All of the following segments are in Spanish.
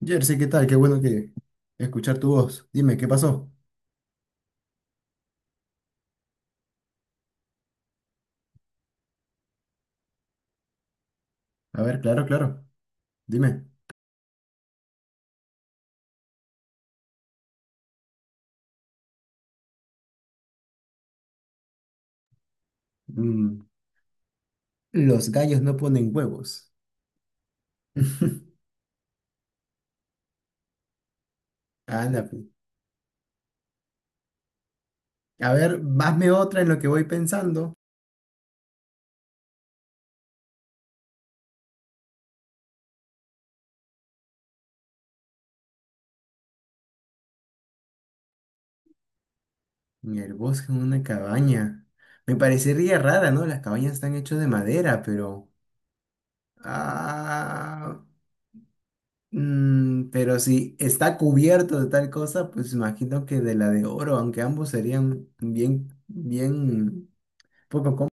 Jersey, ¿qué tal? Qué bueno que escuchar tu voz. Dime, ¿qué pasó? A ver, claro, claro. Dime. Mm, los gallos no ponen huevos. Anda, pi. A ver, hazme otra en lo que voy pensando. En el bosque, en una cabaña. Me parecería rara, ¿no? Las cabañas están hechas de madera, pero... Ah, pero si está cubierto de tal cosa, pues imagino que de la de oro, aunque ambos serían bien, bien poco.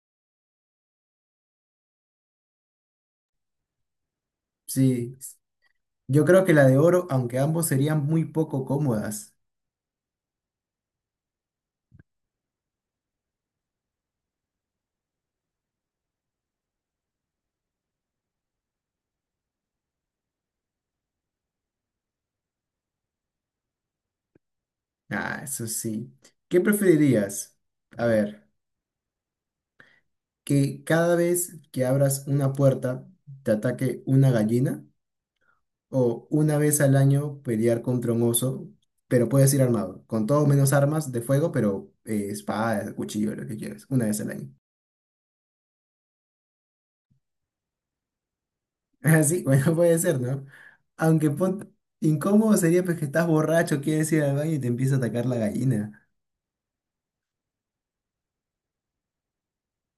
Sí. Yo creo que la de oro, aunque ambos serían muy poco cómodas. Ah, eso sí. ¿Qué preferirías? A ver, que cada vez que abras una puerta te ataque una gallina o una vez al año pelear contra un oso, pero puedes ir armado, con todo menos armas de fuego, pero espada, cuchillo, lo que quieras, una vez al año. Así, bueno, puede ser, ¿no? Aunque pon- Incómodo sería pues que estás borracho, quieres ir al baño y te empieza a atacar la gallina.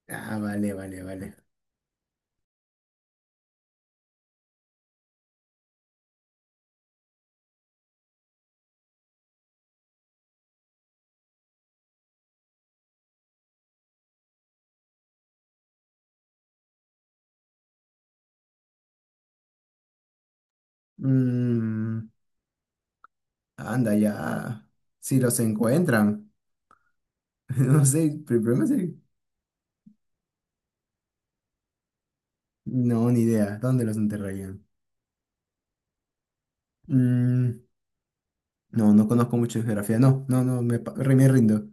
Ah, vale, vale, vale. Mm, anda ya. Si los encuentran. No sé, pero el problema es. No, ni idea. ¿Dónde los enterrarían? Mm, no, no conozco mucho de geografía. No, no, no, me rindo.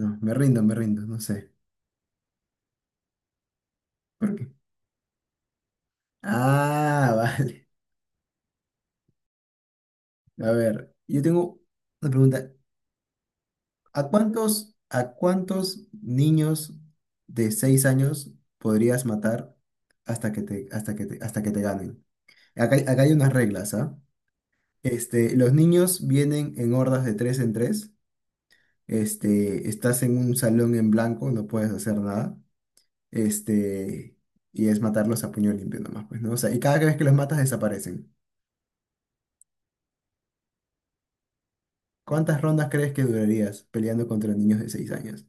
No, me rindo, me rindo. No sé. ¿Por qué? Ah, vale. A ver, yo tengo una pregunta. ¿A cuántos niños de 6 años podrías matar hasta que te ganen? Acá, hay unas reglas, ¿ah? Este, los niños vienen en hordas de tres en tres. Este, estás en un salón en blanco, no puedes hacer nada. Este, y es matarlos a puño limpio nomás, pues, ¿no? O sea, y cada vez que los matas desaparecen. ¿Cuántas rondas crees que durarías peleando contra niños de 6 años?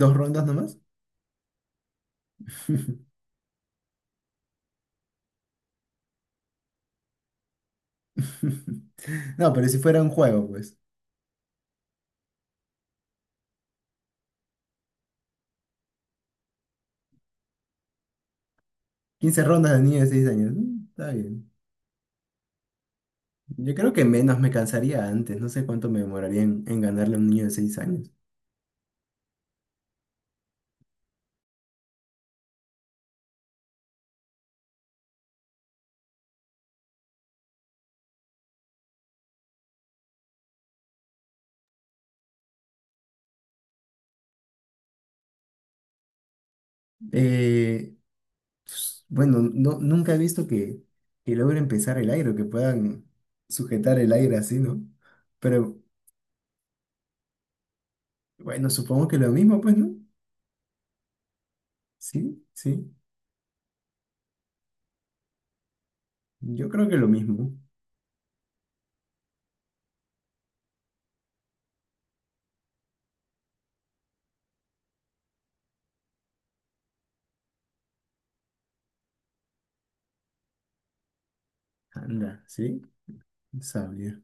¿Dos rondas nomás? No, pero si fuera un juego, pues. Quince rondas de niños de 6 años. Está bien. Yo creo que menos me cansaría antes. No sé cuánto me demoraría en ganarle a un niño de 6 años. Eh, pues, bueno, no, nunca he visto que logren pesar el aire o que puedan sujetar el aire así, ¿no? Pero bueno, supongo que lo mismo, pues, ¿no? Sí, sí. Yo creo que lo mismo. Anda, ¿sí? Sabía.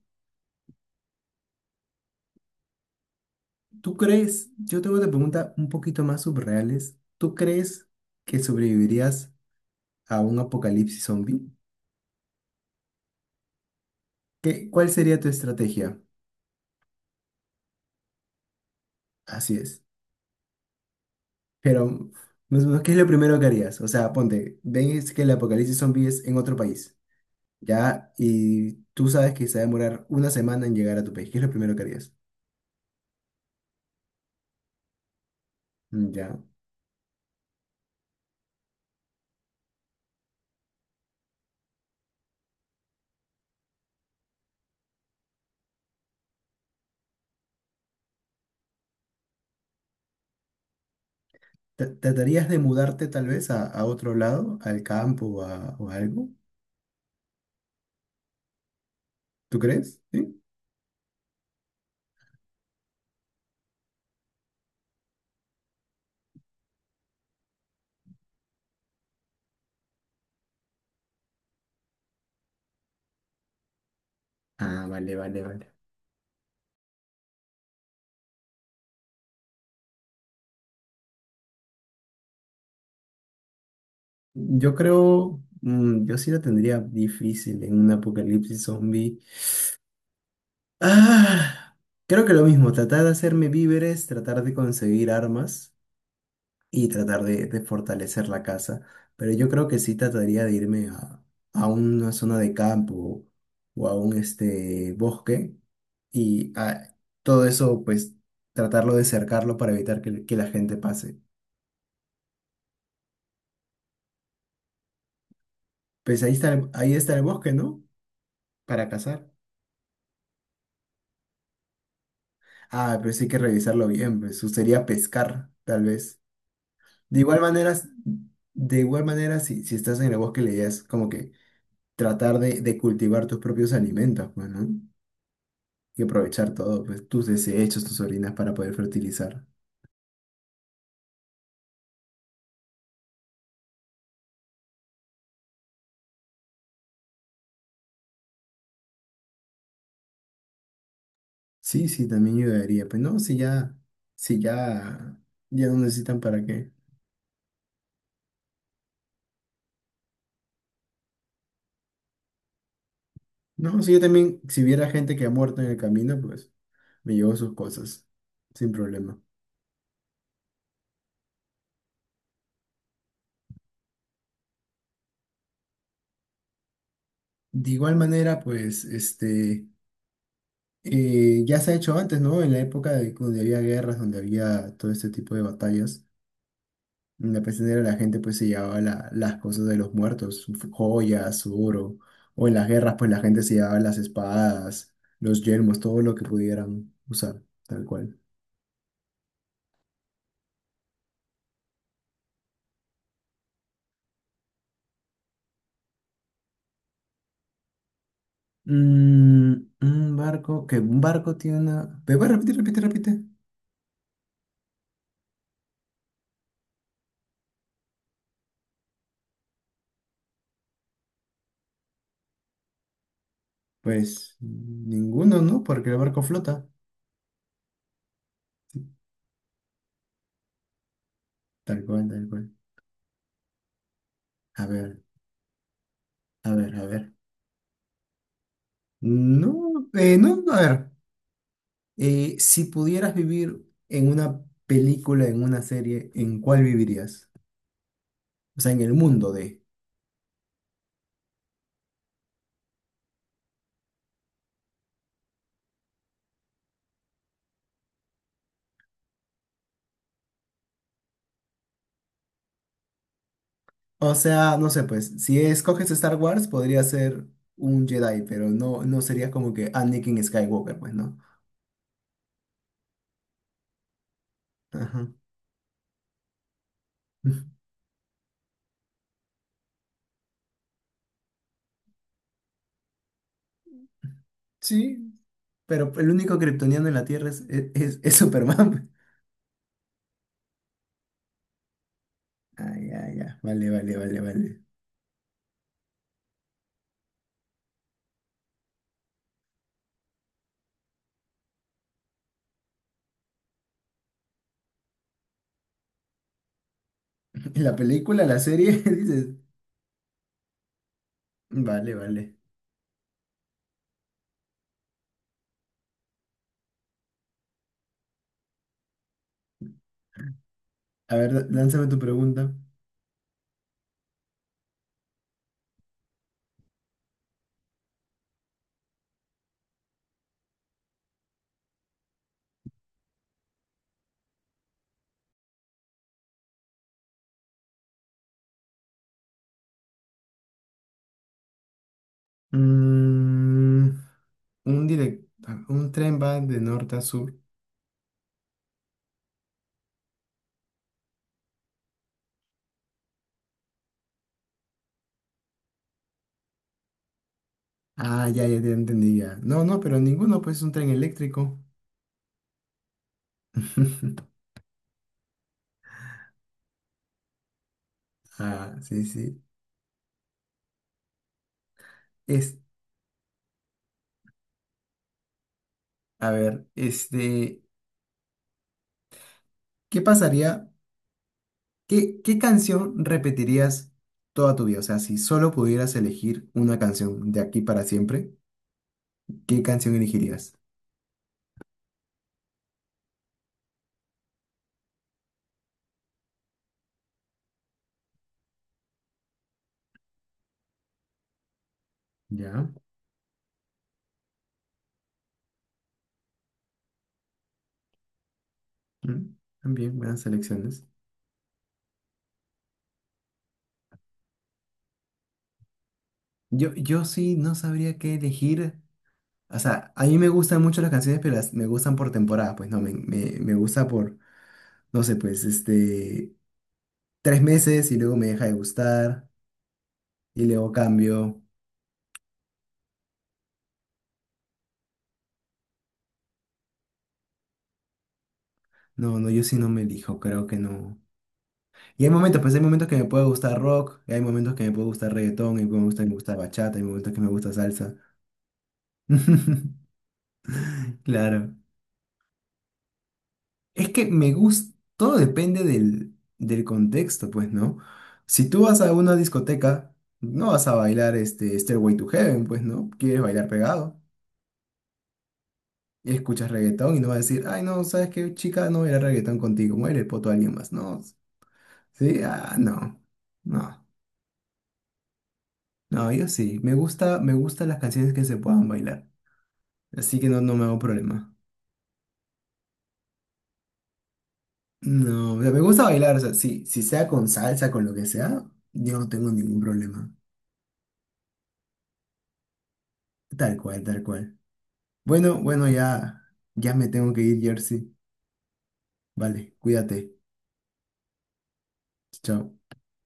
¿Tú crees? Yo tengo una pregunta un poquito más subreales. ¿Tú crees que sobrevivirías a un apocalipsis zombie? ¿Qué, cuál sería tu estrategia? Así es. Pero, más o menos, ¿qué es lo primero que harías? O sea, ponte, ves que el apocalipsis zombie es en otro país. Ya, y tú sabes que se va a demorar una semana en llegar a tu país. ¿Qué es lo primero que harías? Ya. ¿Tratarías de mudarte tal vez a otro lado, al campo o algo? ¿Tú crees? ¿Sí? Ah, vale, vale, vale. Yo creo, yo sí lo tendría difícil en un apocalipsis zombie. Ah, creo que lo mismo, tratar de hacerme víveres, tratar de conseguir armas. Y tratar de fortalecer la casa. Pero yo creo que sí trataría de irme a una zona de campo o a un este, bosque y todo eso, pues tratarlo de cercarlo para evitar que la gente pase. Pues ahí está el bosque, ¿no? Para cazar. Ah, pero sí hay que revisarlo bien, pues sería pescar, tal vez. De igual manera, de igual manera, si estás en el bosque, la idea es como que tratar de cultivar tus propios alimentos, pues, ¿no? Y aprovechar todo, pues tus desechos, tus orinas para poder fertilizar. Sí, sí, también ayudaría. Pues no, si ya, ya no necesitan para qué. No, si yo también, si hubiera gente que ha muerto en el camino, pues me llevo sus cosas, sin problema. De igual manera, pues, este, ya se ha hecho antes, ¿no? En la época de, donde había guerras, donde había todo este tipo de batallas en la peste la gente pues se llevaba las cosas de los muertos, su joyas, su oro. O en las guerras pues la gente se llevaba las espadas, los yelmos, todo lo que pudieran usar, tal cual. Mm, un barco tiene una... ¿Me puedes repetir, repite, repite? Pues ninguno, ¿no? Porque el barco flota. Sí, tal cual, tal cual. A ver, a ver, a ver. No, no, a ver. Si pudieras vivir en una película, en una serie, ¿en cuál vivirías? O sea, en el mundo de. O sea, no sé, pues, si escoges Star Wars, podría ser un Jedi, pero no, no sería como que Anakin Skywalker, pues, ¿no? Ajá. Sí, pero el único kryptoniano en la Tierra es, es Superman. Ah, ya, ya. Vale, vale, vale, vale. La película, la serie, dices. Vale, vale. A ver, lánzame tu pregunta. Mm, un direct, un tren va de norte a sur. Ah, ya, ya, ya entendí ya. No, no, pero ninguno, pues es un tren eléctrico. Ah, sí, sí. Es, a ver, este, ¿qué pasaría? ¿Qué canción repetirías toda tu vida? O sea, si solo pudieras elegir una canción de aquí para siempre, ¿qué canción elegirías? Ya, mm, también buenas selecciones. Yo sí no sabría qué elegir. O sea, a mí me gustan mucho las canciones, pero me gustan por temporada. Pues no, me gusta por, no sé, pues este, 3 meses y luego me deja de gustar y luego cambio. No, no, yo sí no me elijo, creo que no. Y hay momentos, pues hay momentos que me puede gustar rock, y hay momentos que me puede gustar reggaetón, y me gusta bachata, hay momentos que me gusta salsa. Claro. Es que me gusta, todo depende del contexto, pues, ¿no? Si tú vas a una discoteca, no vas a bailar este Stairway to Heaven, pues, ¿no? Quieres bailar pegado, y escuchas reggaetón y no vas a decir, ay, no, ¿sabes qué, chica? No voy a bailar reggaetón contigo, muere el poto a alguien más. No, sí, ah, no, no. No, yo sí. Me gusta, me gustan las canciones que se puedan bailar. Así que no, no me hago problema. No, o sea, me gusta bailar, o sea, sí, si sea con salsa, con lo que sea, yo no tengo ningún problema. Tal cual, tal cual. Bueno, bueno, ya, ya me tengo que ir, Jersey. Vale, cuídate. Chao.